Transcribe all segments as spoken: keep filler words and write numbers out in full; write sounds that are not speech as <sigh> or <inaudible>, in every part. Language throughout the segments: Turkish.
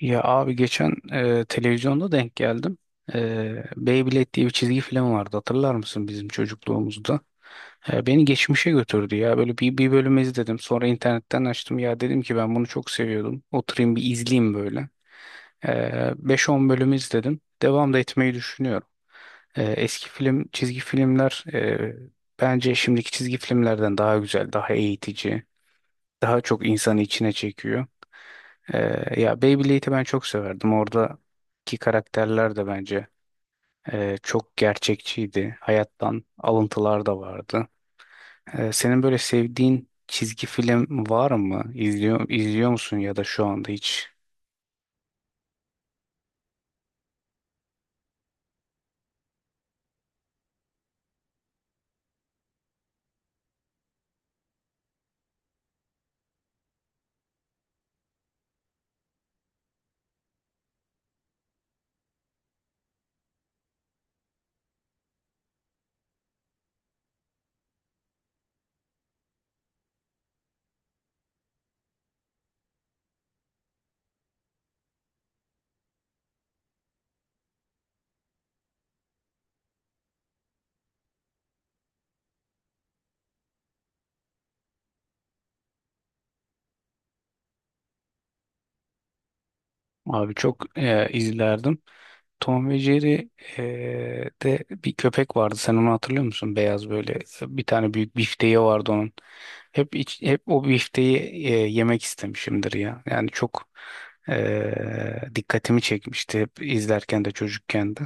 Ya abi geçen e, televizyonda denk geldim. E, Beyblade diye bir çizgi film vardı. Hatırlar mısın bizim çocukluğumuzda? E, beni geçmişe götürdü ya. Böyle bir, bir bölüm izledim. Sonra internetten açtım. Ya dedim ki ben bunu çok seviyordum. Oturayım bir izleyeyim böyle. E, beş on bölüm izledim. Devam da etmeyi düşünüyorum. E, eski film, çizgi filmler e, bence şimdiki çizgi filmlerden daha güzel, daha eğitici, daha çok insanı içine çekiyor. Ee, ya Beyblade'i ben çok severdim. Oradaki karakterler de bence e, çok gerçekçiydi. Hayattan alıntılar da vardı. Ee, senin böyle sevdiğin çizgi film var mı? İzliyor, izliyor musun ya da şu anda hiç? Abi çok e, izlerdim. Tom ve Jerry eee, de bir köpek vardı. Sen onu hatırlıyor musun? Beyaz böyle bir tane büyük bifteği vardı onun. Hep iç- hep o bifteği eee, yemek istemişimdir ya. Yani çok eee, dikkatimi çekmişti hep izlerken de çocukken de.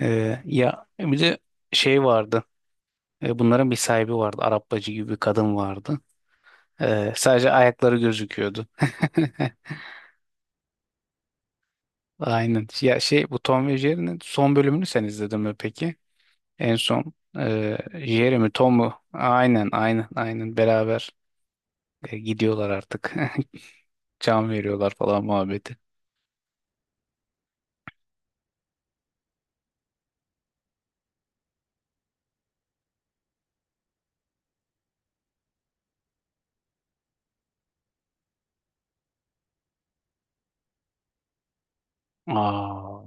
Eee, ya bir de şey vardı. E, bunların bir sahibi vardı. Arap bacı gibi bir kadın vardı. Eee, sadece ayakları gözüküyordu. <laughs> Aynen. Ya şey, bu Tom ve Jerry'nin son bölümünü sen izledin mi peki? En son e, Jeremy, Tom'u aynen aynen aynen beraber e, gidiyorlar artık. <laughs> Can veriyorlar falan muhabbeti. Aa,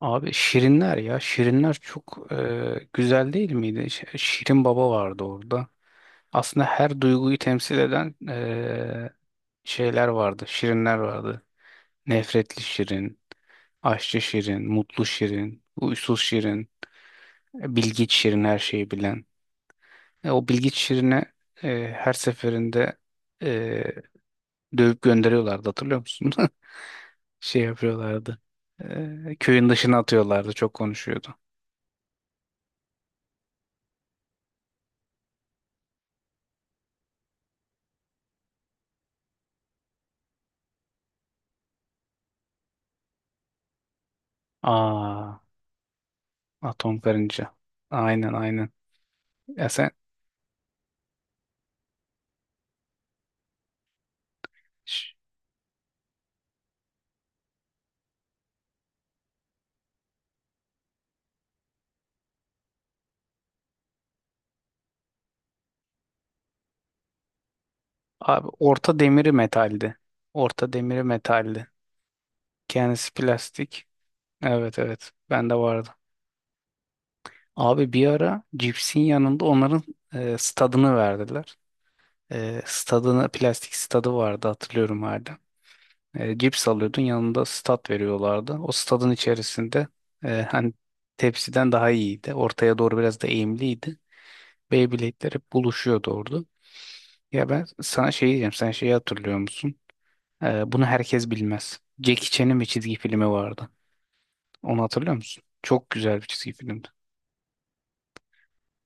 abi Şirinler ya Şirinler çok e, güzel değil miydi? Ş- Şirin Baba vardı orada. Aslında her duyguyu temsil eden e, şeyler vardı. Şirinler vardı. Nefretli Şirin, Aşçı Şirin, Mutlu Şirin, Huysuz Şirin, e, Bilgiç Şirin, her şeyi bilen. E, o Bilgeç Şirin'i e, her seferinde e, dövüp gönderiyorlardı, hatırlıyor musun? <laughs> Şey yapıyorlardı. E, köyün dışına atıyorlardı. Çok konuşuyordu. Aa, atom karınca. Aynen aynen. Ya sen, Ş- abi orta demiri metaldi. Orta demiri metaldi. Kendisi plastik. Evet evet. Bende vardı. Abi bir ara cipsin yanında onların e, stadını verdiler. E, stadına, plastik stadı vardı hatırlıyorum hala. E, cips alıyordun, yanında stat veriyorlardı. O stadın içerisinde e, hani tepsiden daha iyiydi. Ortaya doğru biraz da eğimliydi. Beyblade'ler hep buluşuyordu orada. Ya ben sana şey diyeceğim. Sen şeyi hatırlıyor musun? E, bunu herkes bilmez. Jackie Chan'ın bir çizgi filmi vardı. Onu hatırlıyor musun? Çok güzel bir çizgi filmdi.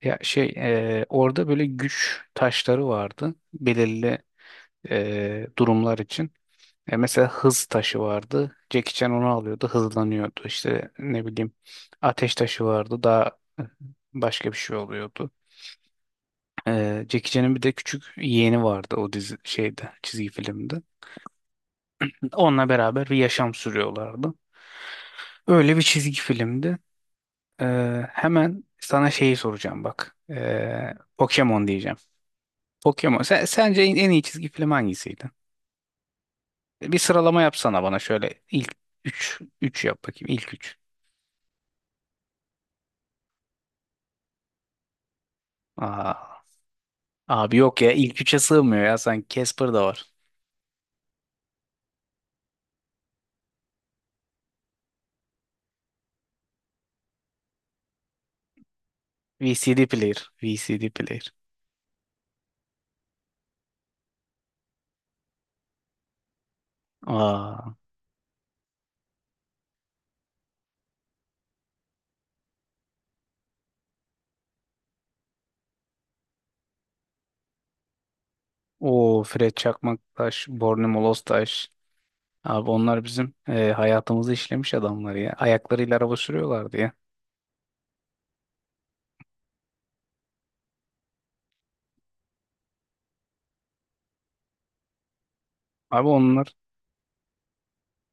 Ya şey, e, orada böyle güç taşları vardı. Belirli e, durumlar için. E mesela hız taşı vardı. Jackie Chan onu alıyordu, hızlanıyordu. İşte ne bileyim, ateş taşı vardı. Daha başka bir şey oluyordu. E, Jackie Chan'ın bir de küçük yeğeni vardı o dizi şeyde, çizgi filmde. Onunla beraber bir yaşam sürüyorlardı. Öyle bir çizgi filmdi. E, Hemen sana şeyi soracağım bak. E, Pokemon diyeceğim. Pokemon. Sen, sence en, en iyi çizgi film hangisiydi? Bir sıralama yapsana bana şöyle, ilk üç üç yap bakayım, ilk üç. Abi yok ya, ilk üçe sığmıyor ya, sanki Casper da var. V C D player. V C D player. Aa. O Fred Çakmaktaş, Borne Molostaş. Abi onlar bizim e, hayatımızı işlemiş adamlar ya. Ayaklarıyla araba sürüyorlardı ya. Abi onlar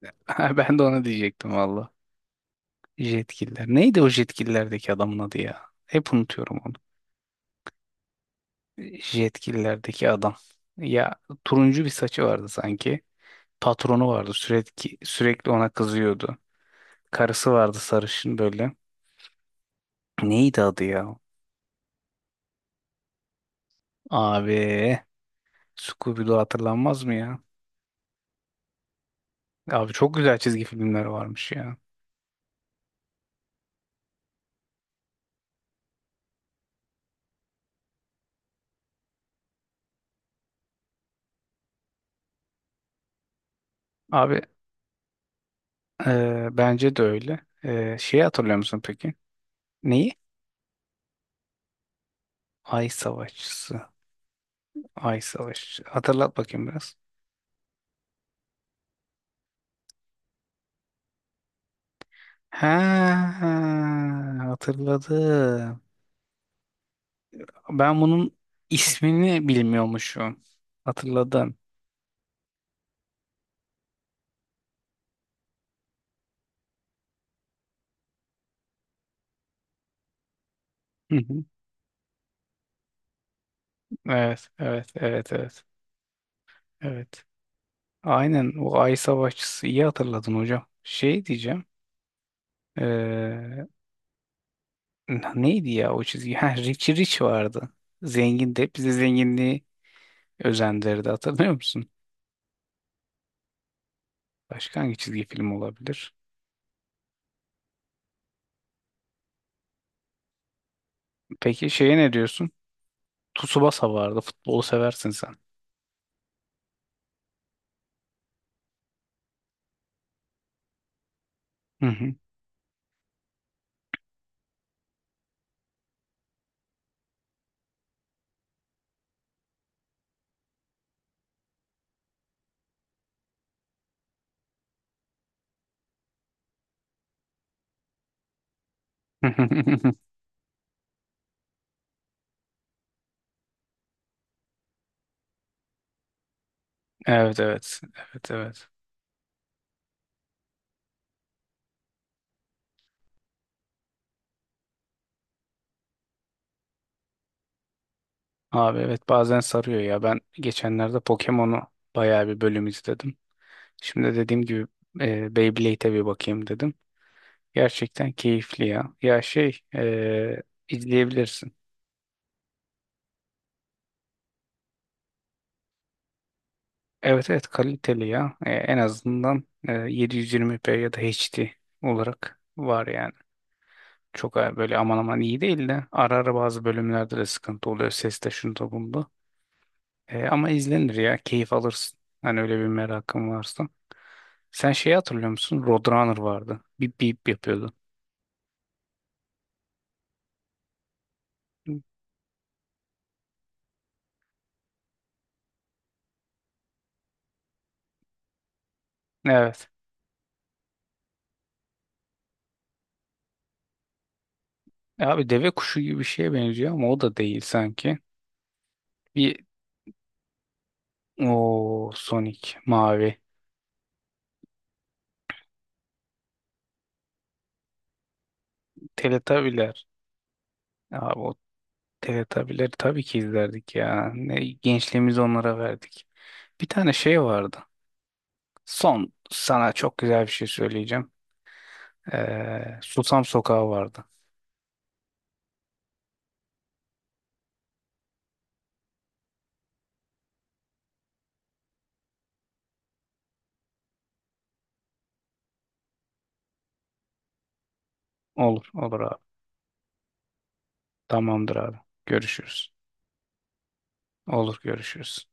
<laughs> ha, ben de ona diyecektim valla. Jetkiller. Neydi o Jetkiller'deki adamın adı ya? Hep unutuyorum onu. Jetkiller'deki adam. Ya, turuncu bir saçı vardı sanki. Patronu vardı. Sürekli sürekli ona kızıyordu. Karısı vardı sarışın böyle. Neydi adı ya? Abi Scooby-Doo hatırlanmaz mı ya? Abi çok güzel çizgi filmler varmış ya. Abi e, bence de öyle. E, şeyi hatırlıyor musun peki? Neyi? Ay Savaşçısı. Ay Savaşçı. Hatırlat bakayım biraz. Ha, hatırladım. Ben bunun ismini bilmiyormuşum. Hatırladım. Hı hı. Evet, evet, evet, evet. Evet. Aynen, o ay savaşçısı, iyi hatırladın hocam. Şey diyeceğim. eee, Neydi ya o çizgi? Ha, Richie Rich vardı. Zengin de hep bize zenginliği özendirdi, hatırlıyor musun? Başka hangi çizgi film olabilir? Peki şeye ne diyorsun? Tsubasa vardı. Futbolu seversin sen. Hı hı. <laughs> Evet evet. Evet evet. Abi evet, bazen sarıyor ya. Ben geçenlerde Pokemon'u bayağı bir bölüm izledim. Şimdi dediğim gibi eee Beyblade'e bir bakayım dedim. Gerçekten keyifli ya. Ya şey, eee, izleyebilirsin. Evet evet, kaliteli ya. E, en azından e, yedi yüz yirmi p ya da H D olarak var yani. Çok a- böyle aman aman iyi değil de, ara ara bazı bölümlerde de sıkıntı oluyor. Seste, şunda bunda. E, ama izlenir ya. Keyif alırsın. Hani öyle bir merakın varsa. Sen şeyi hatırlıyor musun? Roadrunner vardı. Bip bip yapıyordu. Evet. E, Abi deve kuşu gibi bir şeye benziyor ama o da değil sanki. Bir O Sonic mavi. Teletabiler. Abi o Teletabileri tabii ki izlerdik ya. Ne gençliğimizi onlara verdik. Bir tane şey vardı. Son sana çok güzel bir şey söyleyeceğim. Ee, Susam Sokağı vardı. Olur, olur abi. Tamamdır abi. Görüşürüz. Olur, görüşürüz.